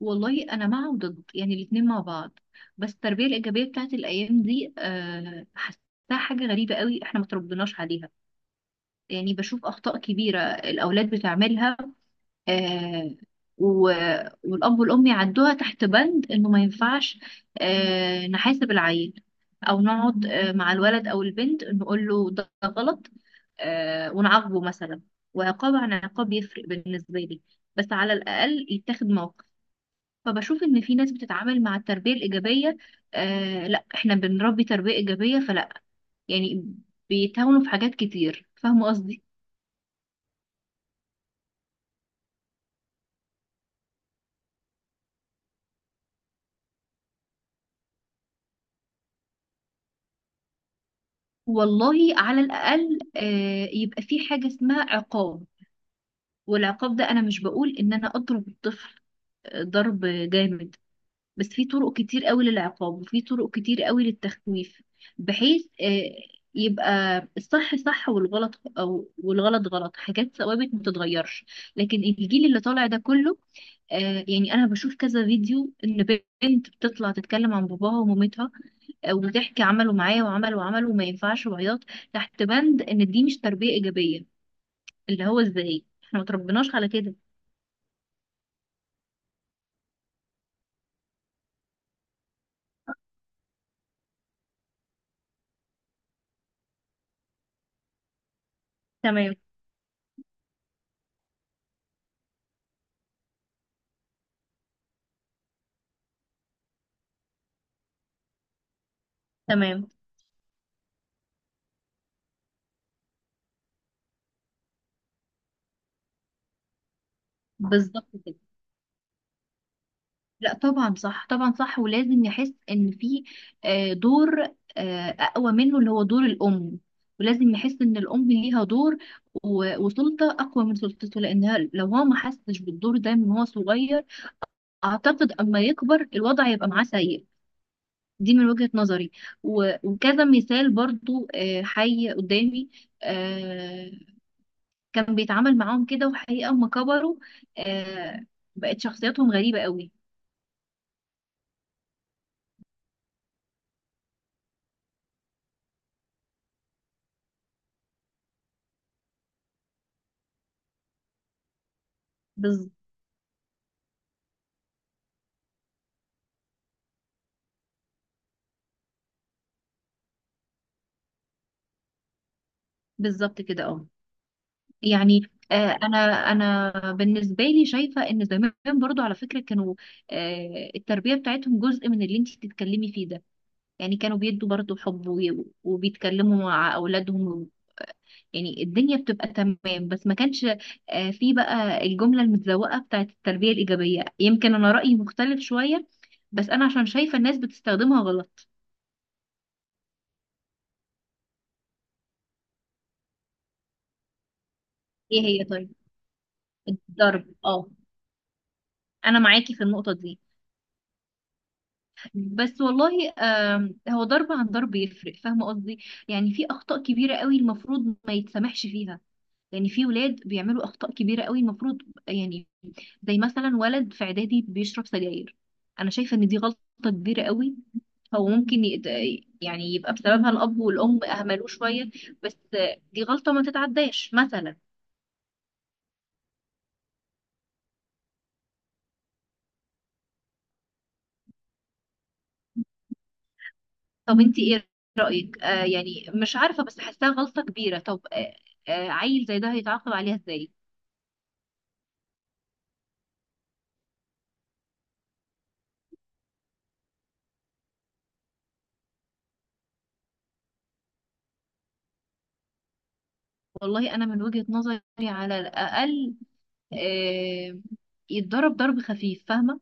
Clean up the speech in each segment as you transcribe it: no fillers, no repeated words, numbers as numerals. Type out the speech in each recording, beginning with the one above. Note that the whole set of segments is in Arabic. والله انا مع وضد، يعني الاتنين مع بعض. بس التربيه الايجابيه بتاعت الايام دي حاساها حاجه غريبه قوي، احنا ما تربناش عليها. يعني بشوف اخطاء كبيره الاولاد بتعملها. أه و... والاب والام يعدوها تحت بند انه ما ينفعش نحاسب العيل، او نقعد مع الولد او البنت نقول له ده غلط، ونعاقبه مثلا. وعقاب عن عقاب يفرق بالنسبه لي، بس على الاقل يتاخد موقف. فبشوف ان في ناس بتتعامل مع التربيه الايجابيه، آه، لا احنا بنربي تربيه ايجابيه، فلا يعني بيتهاونوا في حاجات كتير، فاهمه قصدي. والله على الاقل يبقى في حاجه اسمها عقاب، والعقاب ده انا مش بقول ان انا اضرب الطفل ضرب جامد. بس في طرق كتير قوي للعقاب، وفي طرق كتير قوي للتخويف، بحيث يبقى الصح صح، والغلط غلط، حاجات ثوابت ما تتغيرش. لكن الجيل اللي طالع ده كله، يعني انا بشوف كذا فيديو ان بنت بتطلع تتكلم عن باباها ومامتها، وبتحكي عملوا معايا وعملوا وعملوا وما ينفعش وعياط، تحت بند ان دي مش تربية ايجابية، اللي هو ازاي؟ احنا ما تربيناش على كده. تمام. تمام. بالظبط كده. لا طبعا صح، طبعا صح، ولازم نحس ان في دور اقوى منه، اللي هو دور الام، ولازم نحس ان الام ليها دور وسلطه اقوى من سلطته، لانها لو هو ما حسش بالدور ده من هو صغير، اعتقد اما يكبر الوضع يبقى معاه سيء. دي من وجهة نظري. وكذا مثال برضو حي قدامي، آه، كان بيتعامل معاهم كده، وحقيقة اما كبروا، آه، بقت شخصياتهم غريبة قوي. بز- بالظبط كده، اه. يعني. آه، انا انا بالنسبه لي شايفه ان زمان برضو على فكره كانوا، التربيه بتاعتهم جزء من اللي انت بتتكلمي فيه ده. يعني كانوا بيدوا برضو حب، وبيتكلموا مع اولادهم، يعني الدنيا بتبقى تمام، بس ما كانش في بقى الجمله المتزوقه بتاعت التربيه الايجابيه. يمكن انا رايي مختلف شويه، بس انا عشان شايفه الناس بتستخدمها غلط. ايه هي طيب؟ الضرب، اه. انا معاكي في النقطه دي، بس والله هو ضرب عن ضرب يفرق، فاهمه قصدي. يعني في اخطاء كبيره قوي المفروض ما يتسامحش فيها، يعني في ولاد بيعملوا اخطاء كبيره قوي المفروض يعني، زي مثلا ولد في اعدادي بيشرب سجاير، انا شايفه ان دي غلطه كبيره قوي. هو ممكن يت... يعني يبقى بسببها الاب والام اهملوه شويه، بس دي غلطه ما تتعداش مثلا. طب انت ايه رايك؟ يعني مش عارفه، بس حاساها غلطه كبيره. طب عيل زي ده هيتعاقب عليها ازاي؟ والله انا من وجهة نظري على الاقل آه يتضرب ضرب خفيف، فاهمه؟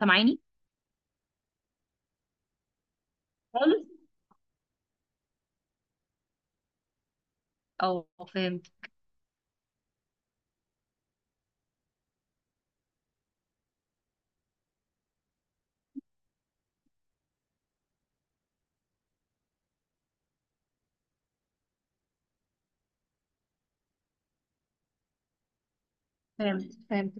سامعاني؟ خالص. او فهمت. فهمت.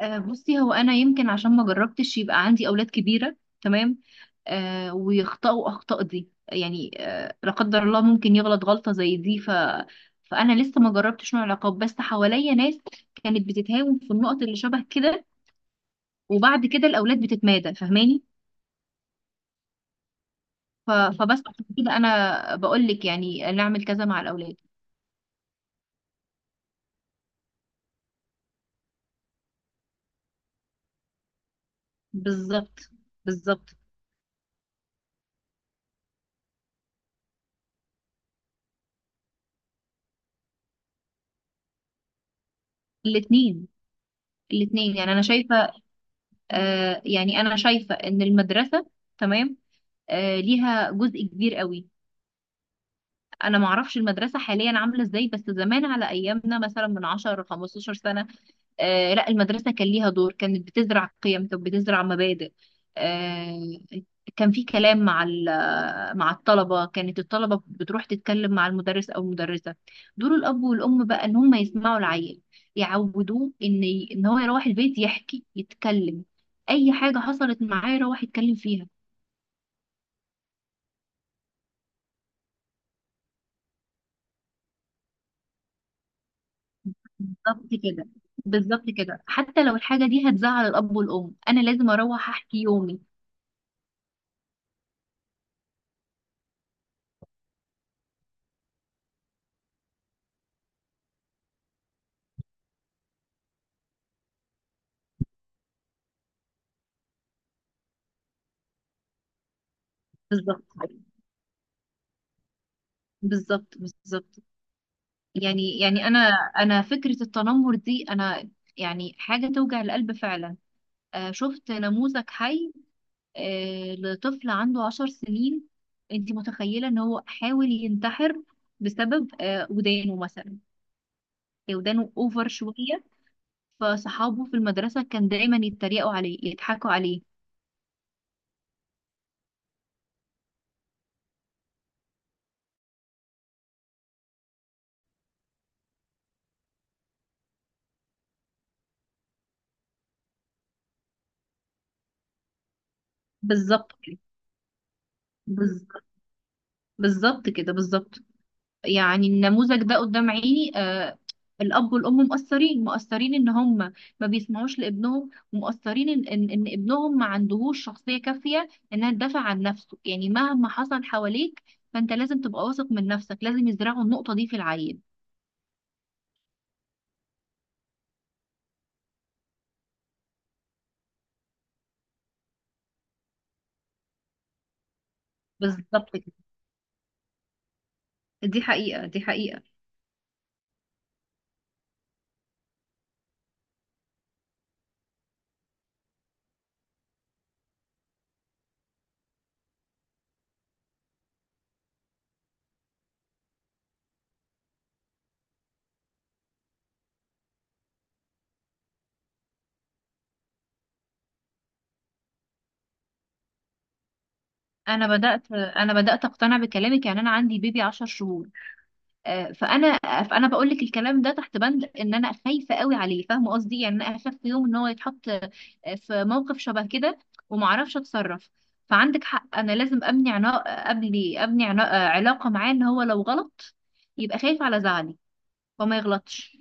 بصي، هو انا يمكن عشان ما جربتش يبقى عندي اولاد كبيره، تمام، ويخطئوا اخطاء دي، يعني لا قدر الله ممكن يغلط غلطه زي دي. فانا لسه ما جربتش نوع العقاب، بس حواليا ناس كانت بتتهاون في النقط اللي شبه كده، وبعد كده الاولاد بتتمادى، فاهماني؟ فبس عشان كده انا بقول لك يعني نعمل كذا مع الاولاد. بالظبط. بالظبط. الاثنين. الاثنين. يعني انا شايفه. يعني انا شايفه ان المدرسه، تمام، ليها جزء كبير قوي. انا ما اعرفش المدرسه حاليا عامله ازاي، بس زمان على ايامنا مثلا من 10 15 سنه، لا المدرسة كان ليها دور، كانت بتزرع قيم، كانت بتزرع مبادئ. آه كان في كلام مع مع الطلبة، كانت الطلبة بتروح تتكلم مع المدرس أو المدرسة. دور الأب والأم بقى إن هم يسمعوا العيل، يعودوه إن إن هو يروح البيت يحكي يتكلم، أي حاجة حصلت معاه يروح يتكلم فيها. بالظبط كده. بالظبط كده، حتى لو الحاجة دي هتزعل الأب والأم أنا لازم أروح أحكي يومي. بالظبط. بالظبط. يعني. يعني انا فكره التنمر دي انا، يعني حاجه توجع القلب فعلا. شفت نموذج حي، لطفل عنده 10 سنين. انت متخيله ان هو حاول ينتحر بسبب ودانه مثلا، ودانه اوفر شويه، فصحابه في المدرسه كان دايما يتريقوا عليه يضحكوا عليه. بالظبط كده. بالظبط. بالظبط كده. بالظبط. يعني النموذج ده قدام عيني، الأب والأم مقصرين إن هم ما بيسمعوش لابنهم، ومقصرين إن ابنهم ما عندهوش شخصية كافية إنها تدافع عن نفسه. يعني مهما حصل حواليك فأنت لازم تبقى واثق من نفسك، لازم يزرعوا النقطة دي في العيل. بالظبط كده. دي حقيقة. دي حقيقة. أنا بدأت أقتنع بكلامك. يعني أنا عندي بيبي 10 شهور، آه، فانا فانا بقول لك الكلام ده تحت بند ان انا خايفه قوي عليه، فاهمه قصدي. يعني انا اخاف في يوم ان هو يتحط في موقف شبه كده وما اعرفش اتصرف. فعندك حق، انا لازم ابني عنا، ابني عنا علاقه معاه ان هو لو غلط يبقى خايف على زعلي وما يغلطش.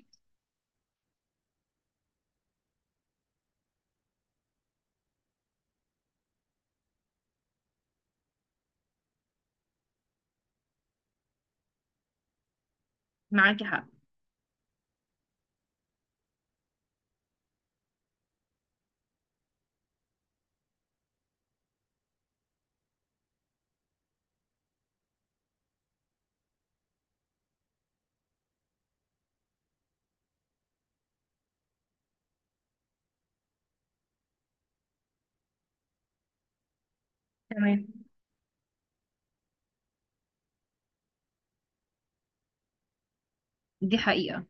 معاكي حق. تمام. دي حقيقه.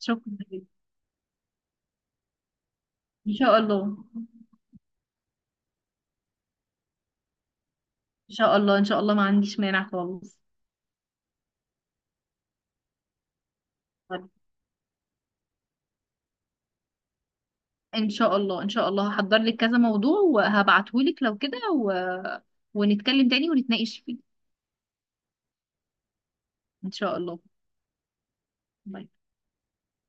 شكرا جداً. ان شاء الله. ان شاء الله، ان شاء الله ما عنديش مانع خالص. ان شاء الله. ان شاء الله هحضر لك كذا موضوع وهبعتهولك لو كده، ونتكلم تاني ونتناقش فيه. ان شاء الله. باي.